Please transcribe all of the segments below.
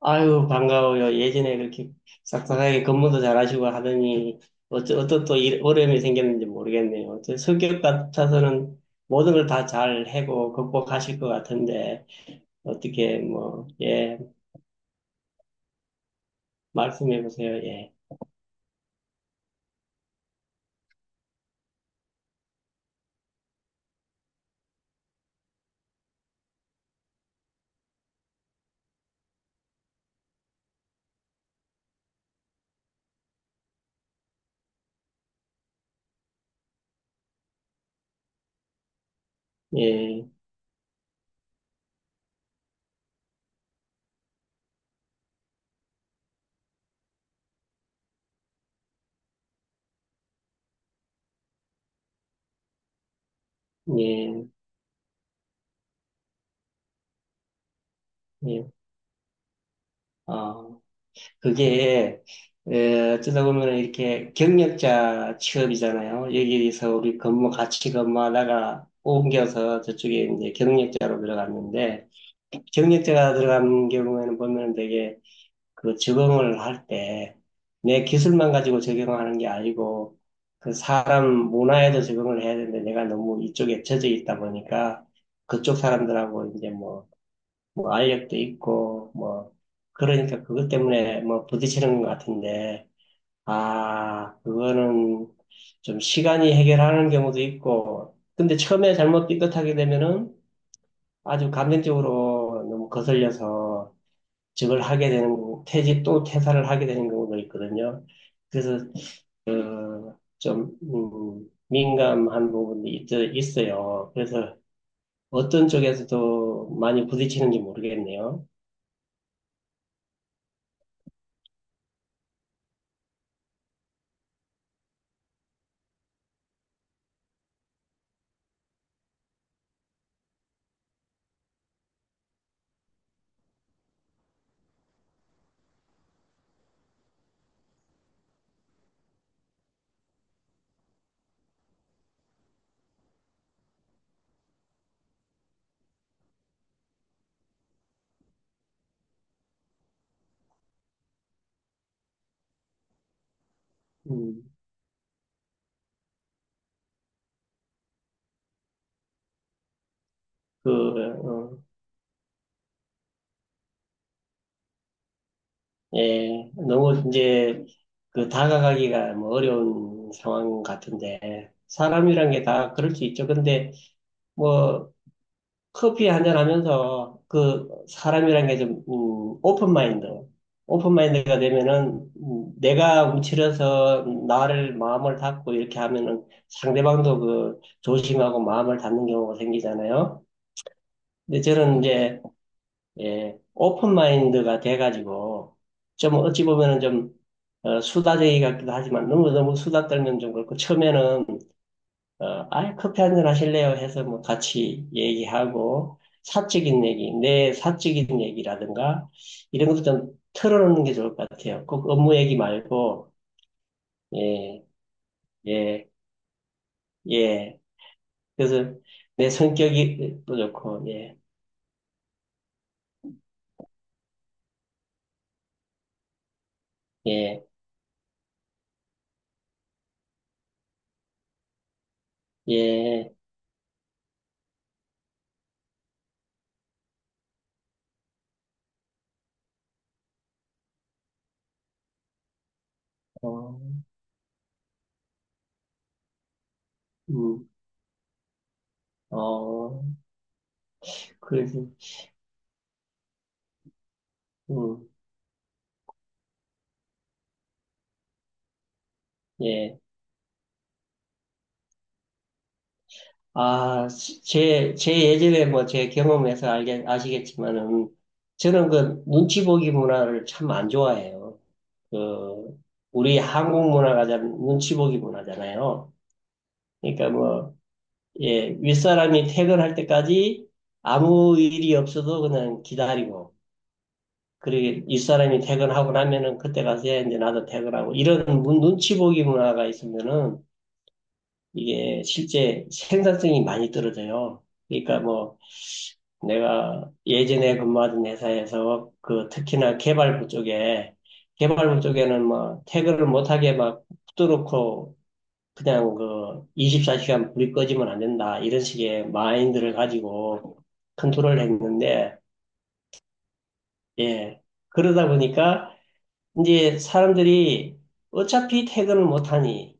아유, 반가워요. 예전에 그렇게 싹싹하게 근무도 잘하시고 하더니, 어떤 또 어려움이 생겼는지 모르겠네요. 저 성격 같아서는 모든 걸 다 잘 해고 극복하실 것 같은데, 어떻게, 뭐, 예, 말씀해 보세요. 예, 예, 예, 예, 어. 그게 에, 어쩌다 보면 이렇게 경력자 취업이잖아요. 여기서 우리 근무 같이 근무하다가 옮겨서 저쪽에 이제 경력자로 들어갔는데, 경력자가 들어간 경우에는 보면 되게 그 적응을 할 때 내 기술만 가지고 적용하는 게 아니고 그 사람 문화에도 적응을 해야 되는데, 내가 너무 이쪽에 젖어 있다 보니까 그쪽 사람들하고 이제 뭐 알력도 있고 뭐 그러니까 그것 때문에 뭐 부딪히는 것 같은데, 아 그거는 좀 시간이 해결하는 경우도 있고, 근데 처음에 잘못 삐끗하게 되면은 아주 감정적으로 너무 거슬려서 저걸 퇴직 또 퇴사를 하게 되는 경우도 있거든요. 그래서 어, 좀 민감한 부분이 있어요. 그래서 어떤 쪽에서도 많이 부딪히는지 모르겠네요. 음. 그, 어, 예, 너무 이제 그 다가가기가 뭐 어려운 상황 같은데, 사람이란 게 다 그럴 수 있죠. 근데 뭐 커피 한잔 하면서, 그 사람이란 게 좀, 오픈 마인드, 오픈 마인드가 되면은, 내가 움츠려서 나를 마음을 닫고 이렇게 하면은 상대방도 그 조심하고 마음을 닫는 경우가 생기잖아요. 근데 저는 이제 예, 오픈 마인드가 돼가지고, 좀 어찌 보면은 좀, 어, 수다쟁이 같기도 하지만, 너무 너무 수다 떨면 좀 그렇고, 처음에는, 어, 아이, 커피 한잔 하실래요? 해서 뭐 같이 얘기하고, 사적인 얘기, 내 사적인 얘기라든가, 이런 것도 좀 털어놓는 게 좋을 것 같아요. 꼭 업무 얘기 말고, 예, 예, 예. 그래서 내 성격이 또 좋고, 예, 예, 예, 어, 음, 어. 그래서 음, 예. 아, 제 예전에 뭐 제 경험에서 알게, 아시겠지만은, 저는 그 눈치 보기 문화를 참 안 좋아해요. 그, 우리 한국 문화가 참 눈치 보기 문화잖아요. 그러니까 뭐, 예, 윗사람이 퇴근할 때까지 아무 일이 없어도 그냥 기다리고, 그리고 윗사람이 퇴근하고 나면은 그때 가서 이제 나도 퇴근하고, 이런 눈치 보기 문화가 있으면은, 이게 실제 생산성이 많이 떨어져요. 그러니까 뭐 내가 예전에 근무하던 회사에서 그 특히나 개발부 쪽에, 개발부 쪽에는 뭐 태그를 못하게 막 붙들어놓고, 그냥 그 24시간 불이 꺼지면 안 된다 이런 식의 마인드를 가지고 컨트롤을 했는데, 예, 그러다 보니까 이제 사람들이 어차피 퇴근을 못하니,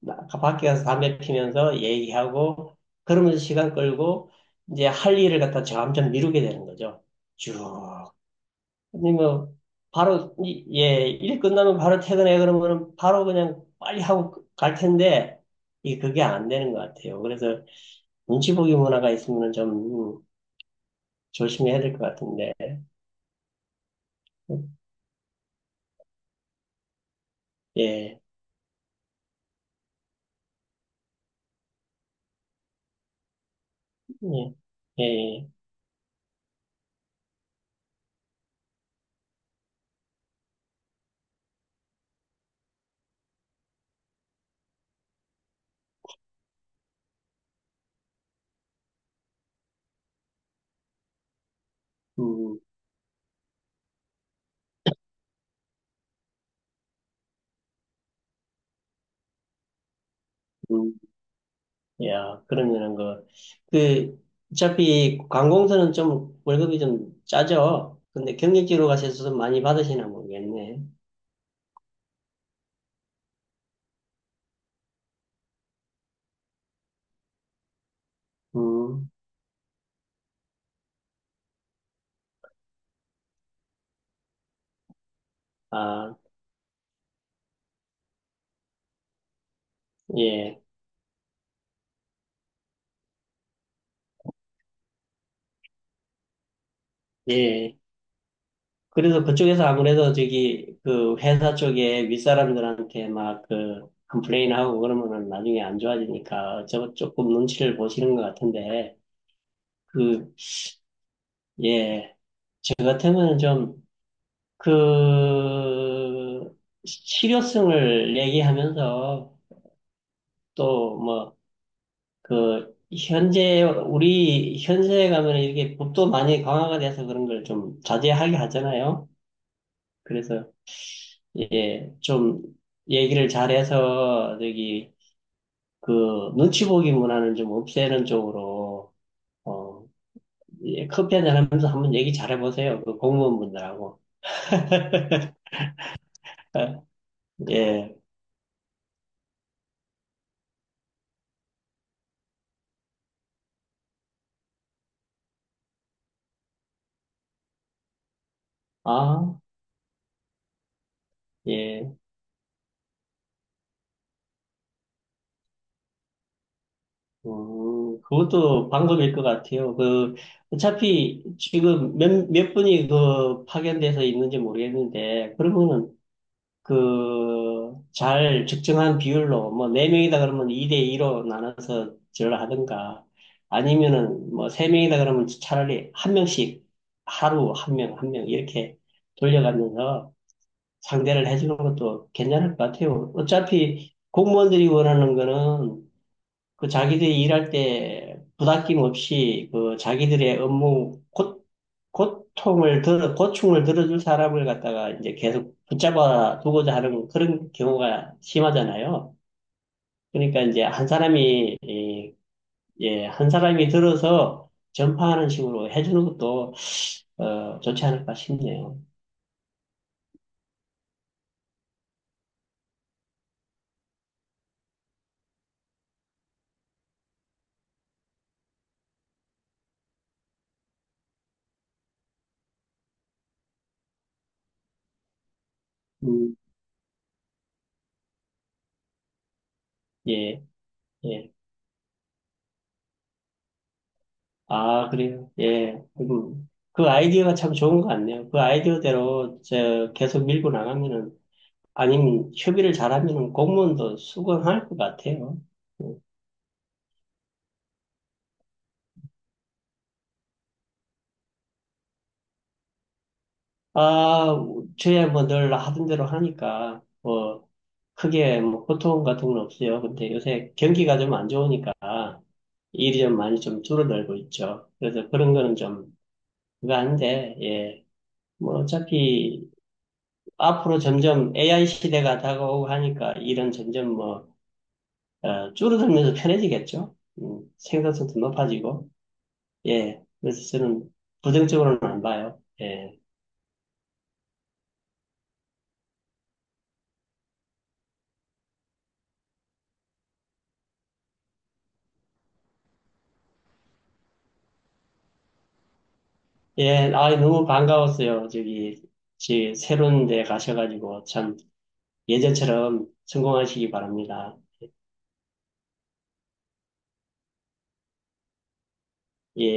밖에 가서 담배 피면서 얘기하고 그러면서 시간 끌고, 이제 할 일을 갖다 점점 미루게 되는 거죠. 쭉. 근데 뭐 바로 예, 일 끝나면 바로 퇴근해 그러면은 바로 그냥 빨리 하고 갈 텐데, 이게 그게 안 되는 것 같아요. 그래서 눈치 보기 문화가 있으면 좀 음, 조심해야 될 것 같은데. 예. 예. 예. 예. 음. 음. 야, 그러면은 그 그, 어차피 관공서는 좀 월급이 좀 짜죠. 근데 경력직으로 가셔서 좀 많이 받으시나 모르겠네. 음, 아, 예, 예. 그래서 그쪽에서 아무래도 저기 그 회사 쪽에 윗사람들한테 막 그 컴플레인하고 그러면은 나중에 안 좋아지니까 저 조금 눈치를 보시는 것 같은데, 그, 예. 저 같으면 좀 그, 실효성을 얘기하면서 또 뭐 그 현재 우리 현세에 가면 이렇게 법도 많이 강화가 돼서 그런 걸 좀 자제하게 하잖아요. 그래서 예, 좀 얘기를 잘해서 저기 그 눈치 보기 문화는 좀 없애는 쪽으로, 어, 예, 커피 한잔 하면서 한번 얘기 잘해보세요. 그 공무원분들하고. 예. 아, 예. 그것도 방법일 것 같아요. 그, 어차피 지금 몇 분이 그 파견돼서 있는지 모르겠는데, 그러면은 그, 잘 적정한 비율로, 뭐, 네명이다 그러면 2대2로 나눠서 전화하든가, 아니면은 뭐, 세명이다 그러면 차라리 한 명씩 하루 한 명, 한 명 이렇게 돌려가면서 상대를 해주는 것도 괜찮을 것 같아요. 어차피 공무원들이 원하는 거는 그 자기들이 일할 때 부닥김 없이 그 자기들의 업무 고충을 들어줄 사람을 갖다가 이제 계속 붙잡아 두고자 하는 그런 경우가 심하잖아요. 그러니까 이제 예, 한 사람이 들어서 전파하는 식으로 해주는 것도, 어, 좋지 않을까 싶네요. 음, 예, 예. 아, 그래요. 예. 음. 그 아이디어가 참 좋은 것 같네요. 그 아이디어대로 저 계속 밀고 나가면은, 아니면 협의를 잘하면 공무원도 수긍할 것 같아요. 아, 저야 뭐 늘 하던 대로 하니까, 뭐, 크게 뭐 고통 같은 건 없어요. 근데 요새 경기가 좀 안 좋으니까 일이 좀 많이 좀 줄어들고 있죠. 그래서 그런 거는 좀 그거 닌데 예. 뭐 어차피 앞으로 점점 AI 시대가 다가오고 하니까 일은 점점 뭐, 어, 줄어들면서 편해지겠죠. 생산성도 높아지고. 예. 그래서 저는 부정적으로는 안 봐요. 예. 예. 아, 너무 반가웠어요. 저기, 지 새로운 데 가셔가지고 참 예전처럼 성공하시기 바랍니다. 예.